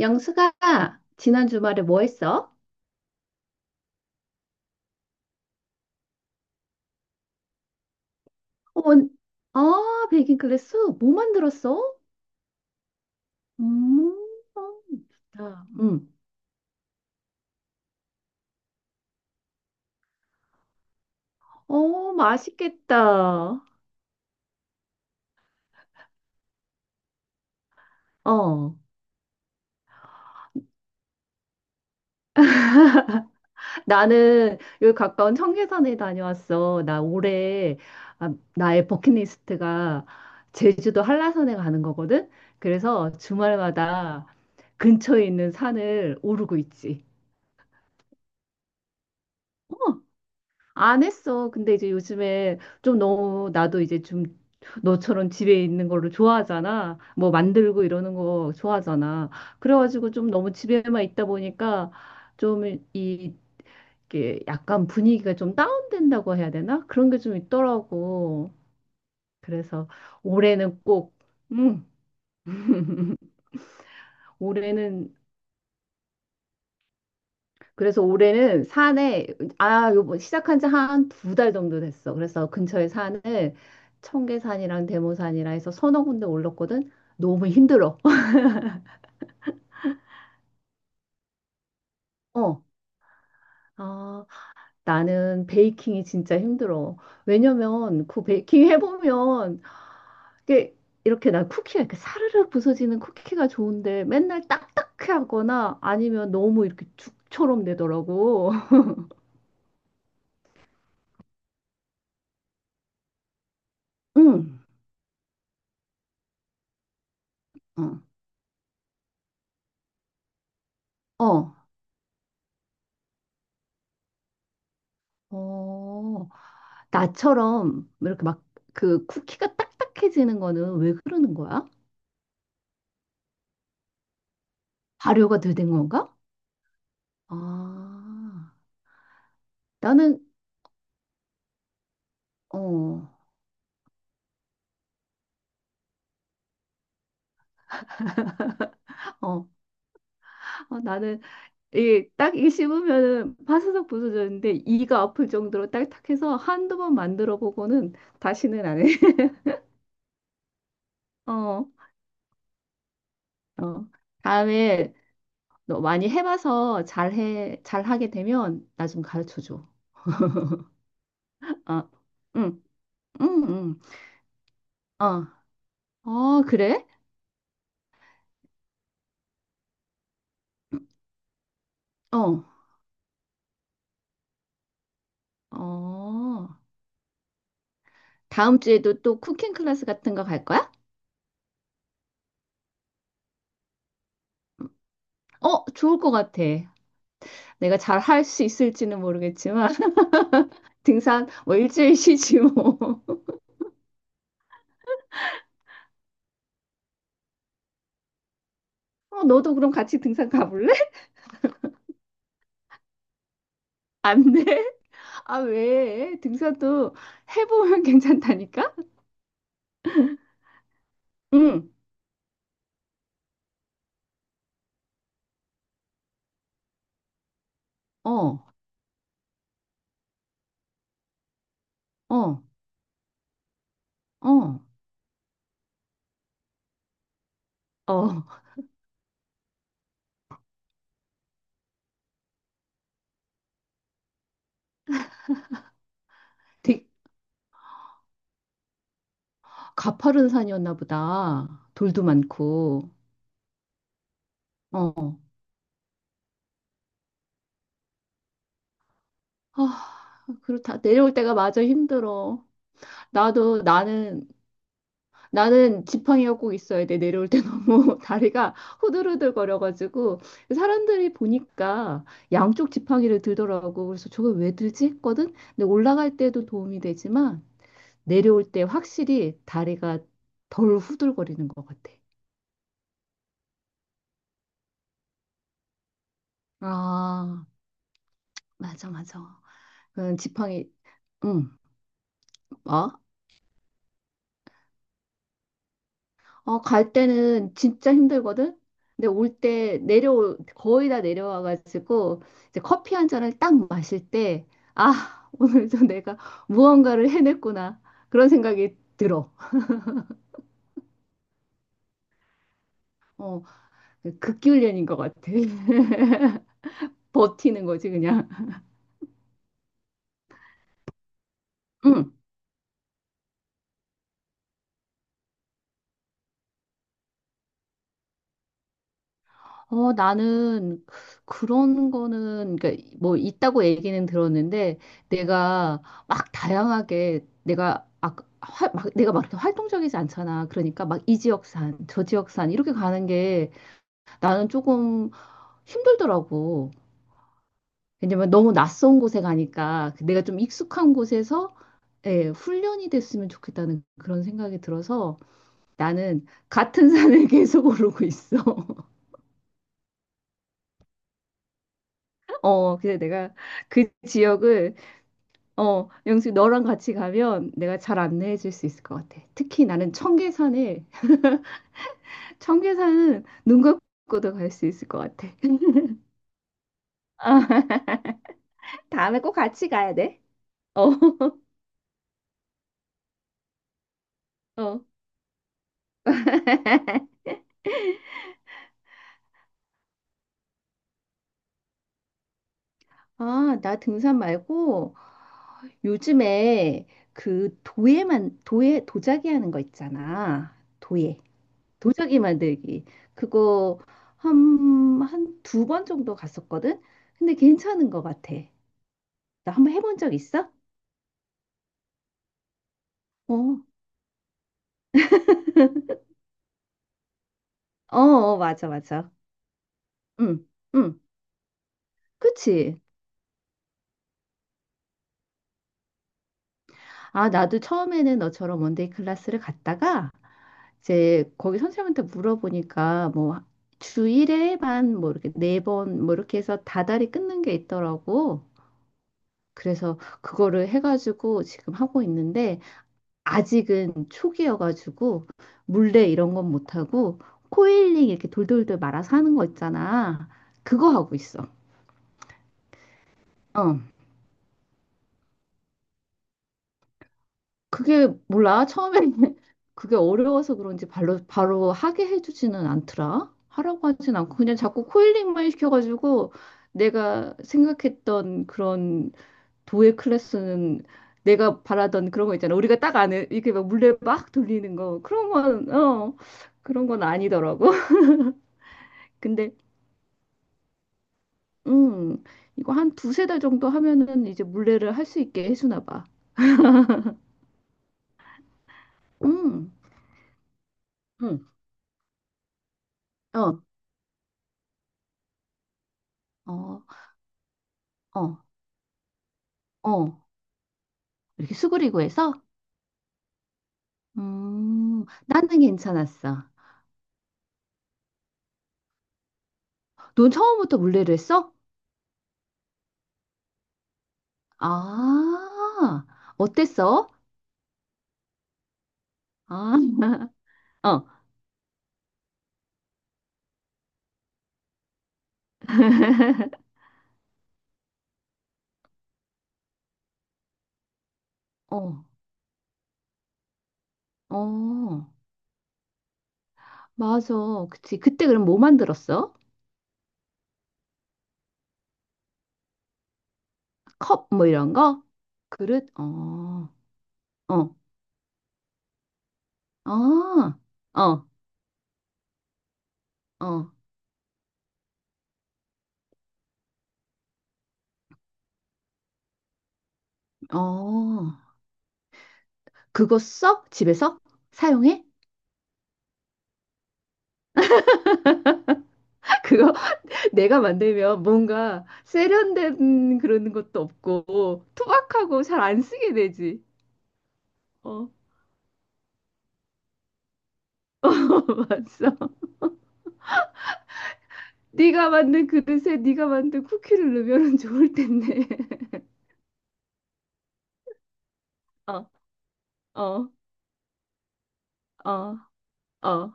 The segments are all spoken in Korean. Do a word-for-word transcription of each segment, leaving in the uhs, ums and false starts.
영수가 지난 주말에 뭐 했어? 어. 아, 베이킹 클래스? 뭐 만들었어? 음. 아, 음. 어, 맛있겠다. 어, 나는 여기 가까운 청계산에 다녀왔어. 나 올해, 아, 나의 버킷리스트가 제주도 한라산에 가는 거거든. 그래서 주말마다 근처에 있는 산을 오르고 있지. 어. 안 했어. 근데 이제 요즘에 좀 너무 나도 이제 좀 너처럼 집에 있는 거를 좋아하잖아. 뭐 만들고 이러는 거 좋아하잖아. 그래가지고 좀 너무 집에만 있다 보니까 좀 이- 이게 약간 분위기가 좀 다운된다고 해야 되나? 그런 게 좀 있더라고. 그래서 올해는 꼭, 음, 올해는, 그래서 올해는 산에, 아, 요번 시작한 지 한 두 달 정도 됐어. 그래서 근처에 산을, 청계산이랑 대모산이라 해서 서너 군데 올랐거든. 너무 힘들어. 어. 아, 나는 베이킹이 진짜 힘들어. 왜냐면 그 베이킹 해보면 이게 이렇게 나 쿠키가 이렇게 사르르 부서지는 쿠키가 좋은데 맨날 딱딱해 하거나 아니면 너무 이렇게 죽처럼 되더라고. 응. 어. 어. 어. 나처럼 이렇게 막 그 쿠키가 딱딱해지는 거는 왜 그러는 거야? 발효가 덜 된 건가? 아, 나는 어, 어, 어, 나는 이 딱이 씹으면은 파스석 부서졌는데 이가 아플 정도로 딱딱해서 한두 번 만들어 보고는 다시는 안 해. 어, 어. 다음에 너 많이 해봐서 잘해 잘하게 되면 나 좀 가르쳐 줘. 어, 응, 응, 응. 어, 어, 그래? 어, 어. 다음 주에도 또 쿠킹 클래스 같은 거 갈 거야? 어, 좋을 것 같아. 내가 잘 할 수 있을지는 모르겠지만, 등산 뭐 일주일 쉬지 뭐. 어, 너도 그럼 같이 등산 가볼래? 안 돼? 아, 왜? 등산도 해보면 괜찮다니까? 응, 어, 어, 어, 어. 되게 가파른 산이었나 보다. 돌도 많고, 어. 아, 그렇다. 내려올 때가 마저 힘들어. 나도, 나는 나는 지팡이가 꼭 있어야 돼. 내려올 때 너무 다리가 후들후들거려가지고 사람들이 보니까 양쪽 지팡이를 들더라고. 그래서 저걸 왜 들지 했거든. 근데 올라갈 때도 도움이 되지만 내려올 때 확실히 다리가 덜 후들거리는 것 같아. 아, 맞아, 맞아. 그 지팡이, 응. 뭐? 어, 갈 때는 진짜 힘들거든? 근데 올 때 내려올, 거의 다 내려와가지고, 이제 커피 한 잔을 딱 마실 때, 아, 오늘도 내가 무언가를 해냈구나. 그런 생각이 들어. 어, 극기훈련인 것 같아. 버티는 거지, 그냥. 응. 어, 나는 그런 거는, 그러니까 뭐 있다고 얘기는 들었는데, 내가 막 다양하게, 내가, 아, 화, 막, 내가 막 이렇게 활동적이지 않잖아. 그러니까 막 이 지역산, 저 지역산, 이렇게 가는 게 나는 조금 힘들더라고. 왜냐면 너무 낯선 곳에 가니까 그 내가 좀 익숙한 곳에서 예, 훈련이 됐으면 좋겠다는 그런 생각이 들어서 나는 같은 산을 계속 오르고 있어. 어, 근데 내가 그 지역을, 어, 영수 너랑 같이 가면 내가 잘 안내해 줄 수 있을 것 같아. 특히 나는 청계산에, 청계산은 눈 감고도 갈 수 있을 것 같아. 다음에 꼭 같이 가야 돼. 어, 어. 아, 나 등산 말고 요즘에 그 도예만, 도예, 도자기 하는 거 있잖아. 도예. 도자기 만들기. 그거 한, 한 두 번 정도 갔었거든? 근데 괜찮은 것 같아. 나 한번 해본 적 있어? 어, 어, 어, 맞아, 맞아. 응, 응, 그치. 아, 나도 처음에는 너처럼 원데이 클래스를 갔다가 이제 거기 선생님한테 물어보니까 뭐 주일에만 뭐 이렇게 네 번 뭐 이렇게 해서 다달이 끊는 게 있더라고. 그래서 그거를 해가지고 지금 하고 있는데 아직은 초기여가지고 물레 이런 건 못하고 코일링 이렇게 돌돌돌 말아서 하는 거 있잖아. 그거 하고 있어. 어, 그게 몰라. 처음에는 그게 어려워서 그런지 바로, 바로 하게 해주지는 않더라. 하라고 하진 않고 그냥 자꾸 코일링만 시켜가지고 내가 생각했던 그런 도예 클래스는 내가 바라던 그런 거 있잖아. 우리가 딱 아는 이렇게 막 물레 막 돌리는 거 그런 건, 어, 그런 건 아니더라고. 근데 음 이거 한 두세 달 정도 하면은 이제 물레를 할 수 있게 해주나 봐. 음, 음, 어, 어, 어, 어. 이렇게 수그리고 해서, 음, 나는 괜찮았어. 넌 처음부터 물레를 했어? 아, 어땠어? 아, 어, 어, 어, 맞아. 그치. 그때 그럼 뭐 만들었어? 컵, 뭐 이런 거? 그릇? 어, 어, 아, 어, 어, 어. 그거 써? 집에서? 사용해? 그거 내가 만들면 뭔가 세련된 그런 것도 없고 투박하고 잘 안 쓰게 되지. 어. 맞어. 네가 만든 그릇에 네가 만든 쿠키를 넣으면 좋을 텐데. 어, 어, 어, 어,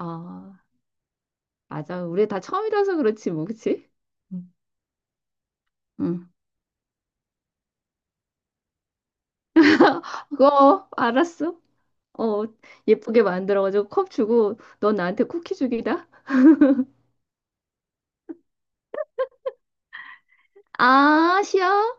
어. 맞아. 우리 다 처음이라서 그렇지, 뭐, 그치? 응. 응. 그거 알았어. 어, 예쁘게 만들어가지고 컵 주고 너 나한테 쿠키 주기다. 아, 쉬어.